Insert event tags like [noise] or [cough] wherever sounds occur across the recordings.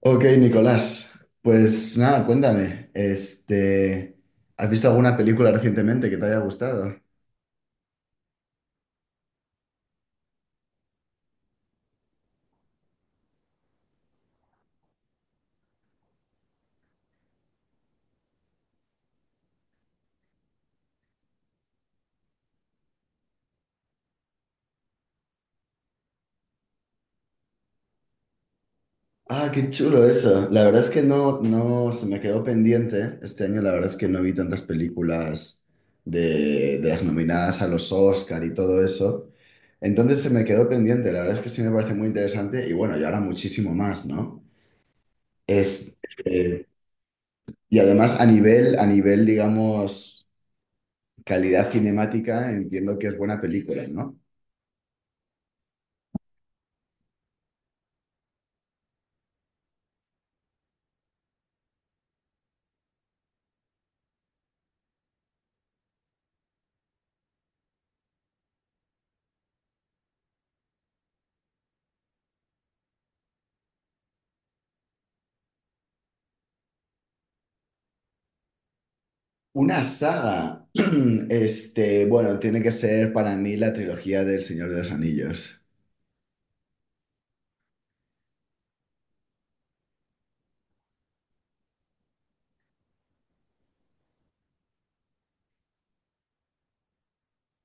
Ok, Nicolás, pues nada, cuéntame, ¿has visto alguna película recientemente que te haya gustado? Ah, qué chulo eso. La verdad es que no, no, se me quedó pendiente. Este año la verdad es que no vi tantas películas de las nominadas a los Oscar y todo eso. Entonces se me quedó pendiente. La verdad es que sí me parece muy interesante y bueno, y ahora muchísimo más, ¿no? Es, eh, y además a nivel, digamos, calidad cinemática, entiendo que es buena película, ¿no? Una saga. [clears throat] Bueno, tiene que ser para mí la trilogía del Señor de los Anillos.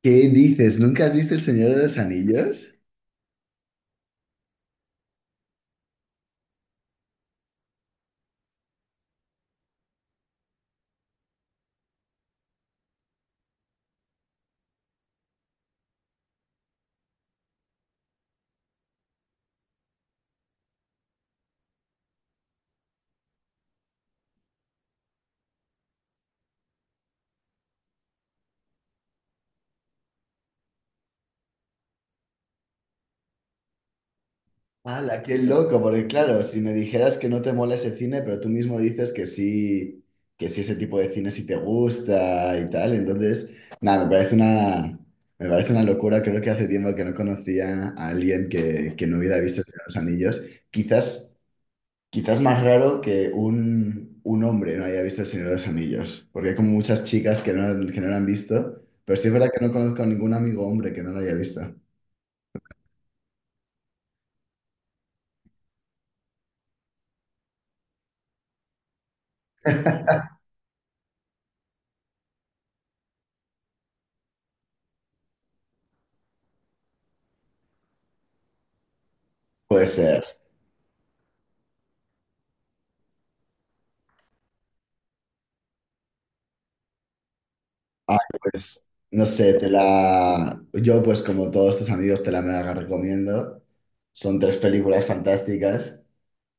¿Qué dices? ¿Nunca has visto El Señor de los Anillos? ¡Hala, qué loco! Porque claro, si me dijeras que no te mola ese cine, pero tú mismo dices que sí ese tipo de cine sí te gusta y tal, entonces, nada, me parece una locura. Creo que hace tiempo que no conocía a alguien que no hubiera visto El Señor de los Anillos. Quizás Quizás más raro que un hombre no haya visto El Señor de los Anillos, porque hay como muchas chicas que no lo han visto, pero sí es verdad que no conozco a ningún amigo hombre que no lo haya visto. Puede ser. Ay, pues, no sé, te la... Yo, pues, como todos tus amigos, te la mega recomiendo. Son tres películas fantásticas,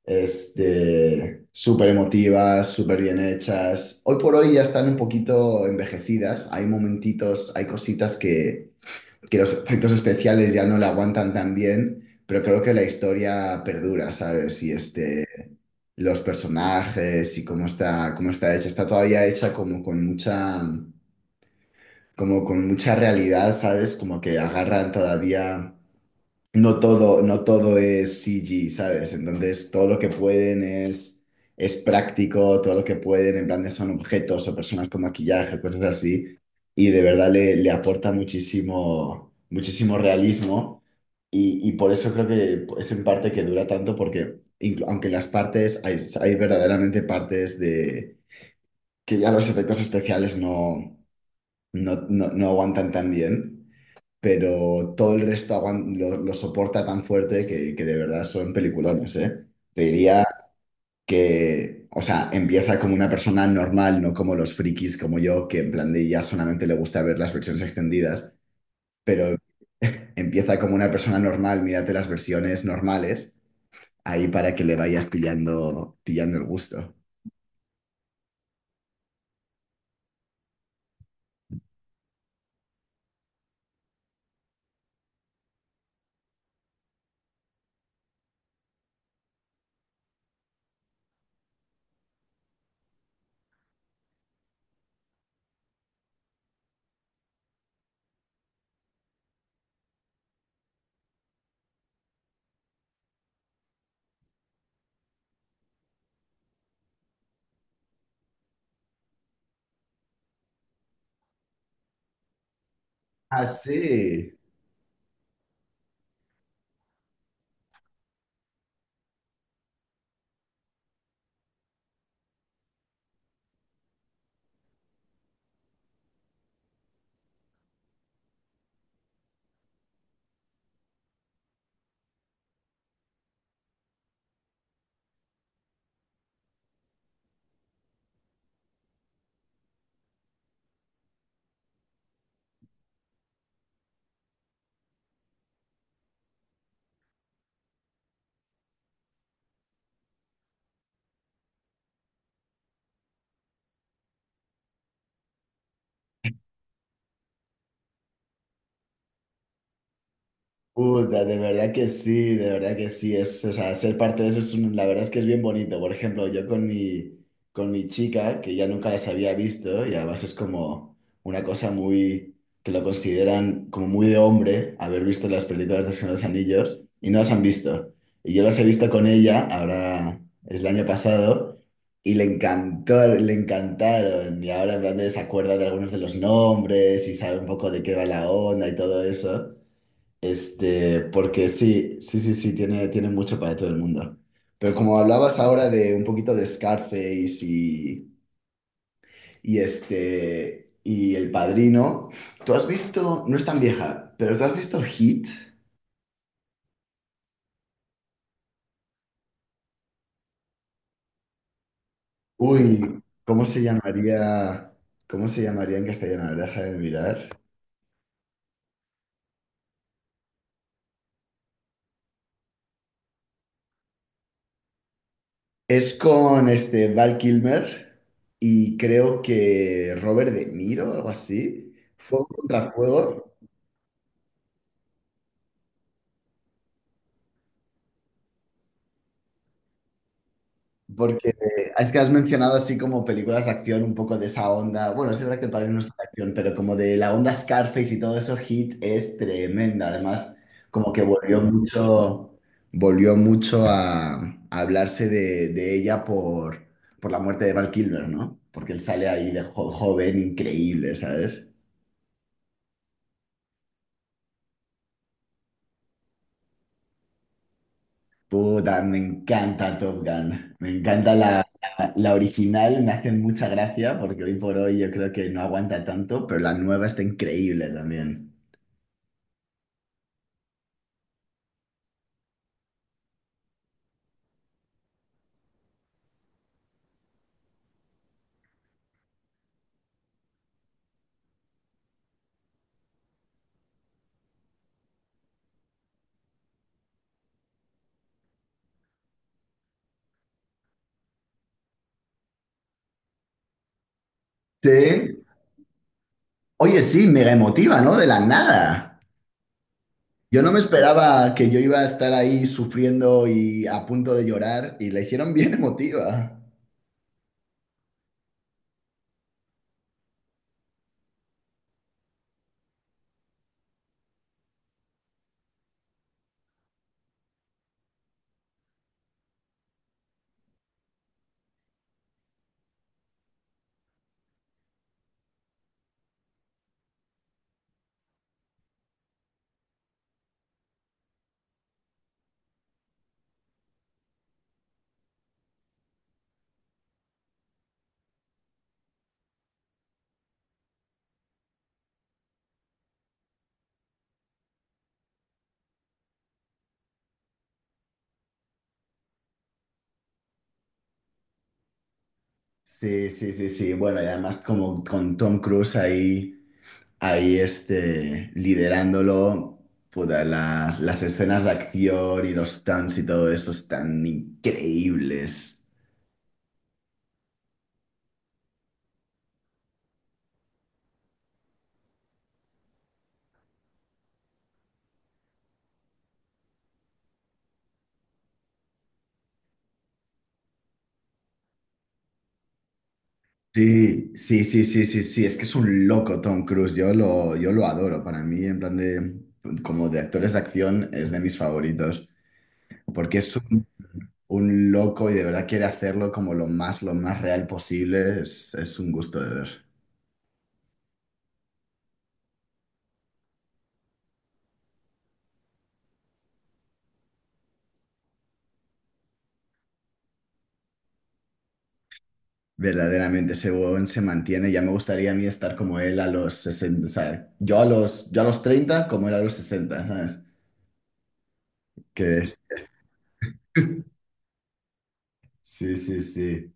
súper emotivas, súper bien hechas. Hoy por hoy ya están un poquito envejecidas. Hay momentitos, hay cositas que los efectos especiales ya no la aguantan tan bien, pero creo que la historia perdura, ¿sabes? Los personajes y cómo está hecha, está todavía hecha como con mucha realidad, ¿sabes? Como que agarran todavía no todo es CG, ¿sabes? Entonces, todo lo que pueden es práctico, todo lo que pueden, en plan, son objetos o personas con maquillaje, cosas así, y de verdad le aporta muchísimo, muchísimo realismo, y por eso creo que es en parte que dura tanto, porque aunque las partes, hay verdaderamente partes de que ya los efectos especiales no aguantan tan bien, pero todo el resto lo soporta tan fuerte que de verdad son peliculones, ¿eh? Te diría que, o sea, empieza como una persona normal, no como los frikis como yo, que en plan de ya solamente le gusta ver las versiones extendidas, pero [laughs] empieza como una persona normal, mírate las versiones normales, ahí para que le vayas pillando el gusto. Ah, sí. Puta, de verdad que sí, de verdad que sí, o sea, ser parte de eso es la verdad es que es bien bonito. Por ejemplo, con mi chica, que ya nunca las había visto, y además es como una cosa que lo consideran como muy de hombre, haber visto las películas de Señor de los Anillos, y no las han visto. Y yo las he visto con ella, ahora es el año pasado, y le encantó, le encantaron, y ahora en plan de se acuerda de algunos de los nombres, y sabe un poco de qué va la onda y todo eso. Este, porque sí, sí, sí, sí, tiene mucho para todo el mundo. Pero como hablabas ahora de un poquito de Scarface y El Padrino, ¿tú has visto, no es tan vieja, pero tú has visto Hit? Uy, ¿cómo se llamaría en castellano? A ver, Deja de mirar. Es con este Val Kilmer y creo que Robert De Niro, algo así. Fue un contrajuego. Porque es que has mencionado así como películas de acción, un poco de esa onda. Bueno, sí es verdad que El Padrino no es de acción, pero como de la onda Scarface y todo eso, Hit es tremenda. Además, como que volvió mucho a hablarse de ella por la muerte de Val Kilmer, ¿no? Porque él sale ahí de joven, increíble, ¿sabes? Puta, me encanta Top Gun. Me encanta la, la- la original, me hacen mucha gracia porque hoy por hoy yo creo que no aguanta tanto, pero la nueva está increíble también. Sí. Oye, sí, mega emotiva, ¿no? De la nada. Yo no me esperaba que yo iba a estar ahí sufriendo y a punto de llorar y la hicieron [laughs] bien emotiva. Sí, sí, sí, sí. Bueno, y además como con Tom Cruise ahí, ahí liderándolo, puta, las escenas de acción y los stunts y todo eso están increíbles. Sí, sí, sí, sí, sí, sí, es que es un loco Tom Cruise, yo lo adoro, para mí en plan de, como de actores de acción es de mis favoritos, porque es un loco y de verdad quiere hacerlo como lo más real posible, es un gusto de ver. Verdaderamente, ese huevón se mantiene. Ya me gustaría a mí estar como él a los 60, ¿sabes? Yo a los 30 como él a los sesenta, ¿sabes? Que es. Sí, sí, sí.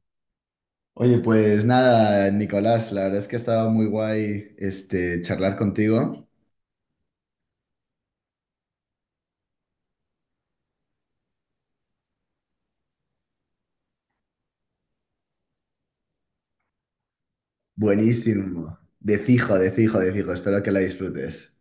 Oye, pues nada, Nicolás, la verdad es que ha estado muy guay, este, charlar contigo. Buenísimo. De fijo, de fijo, de fijo. Espero que la disfrutes.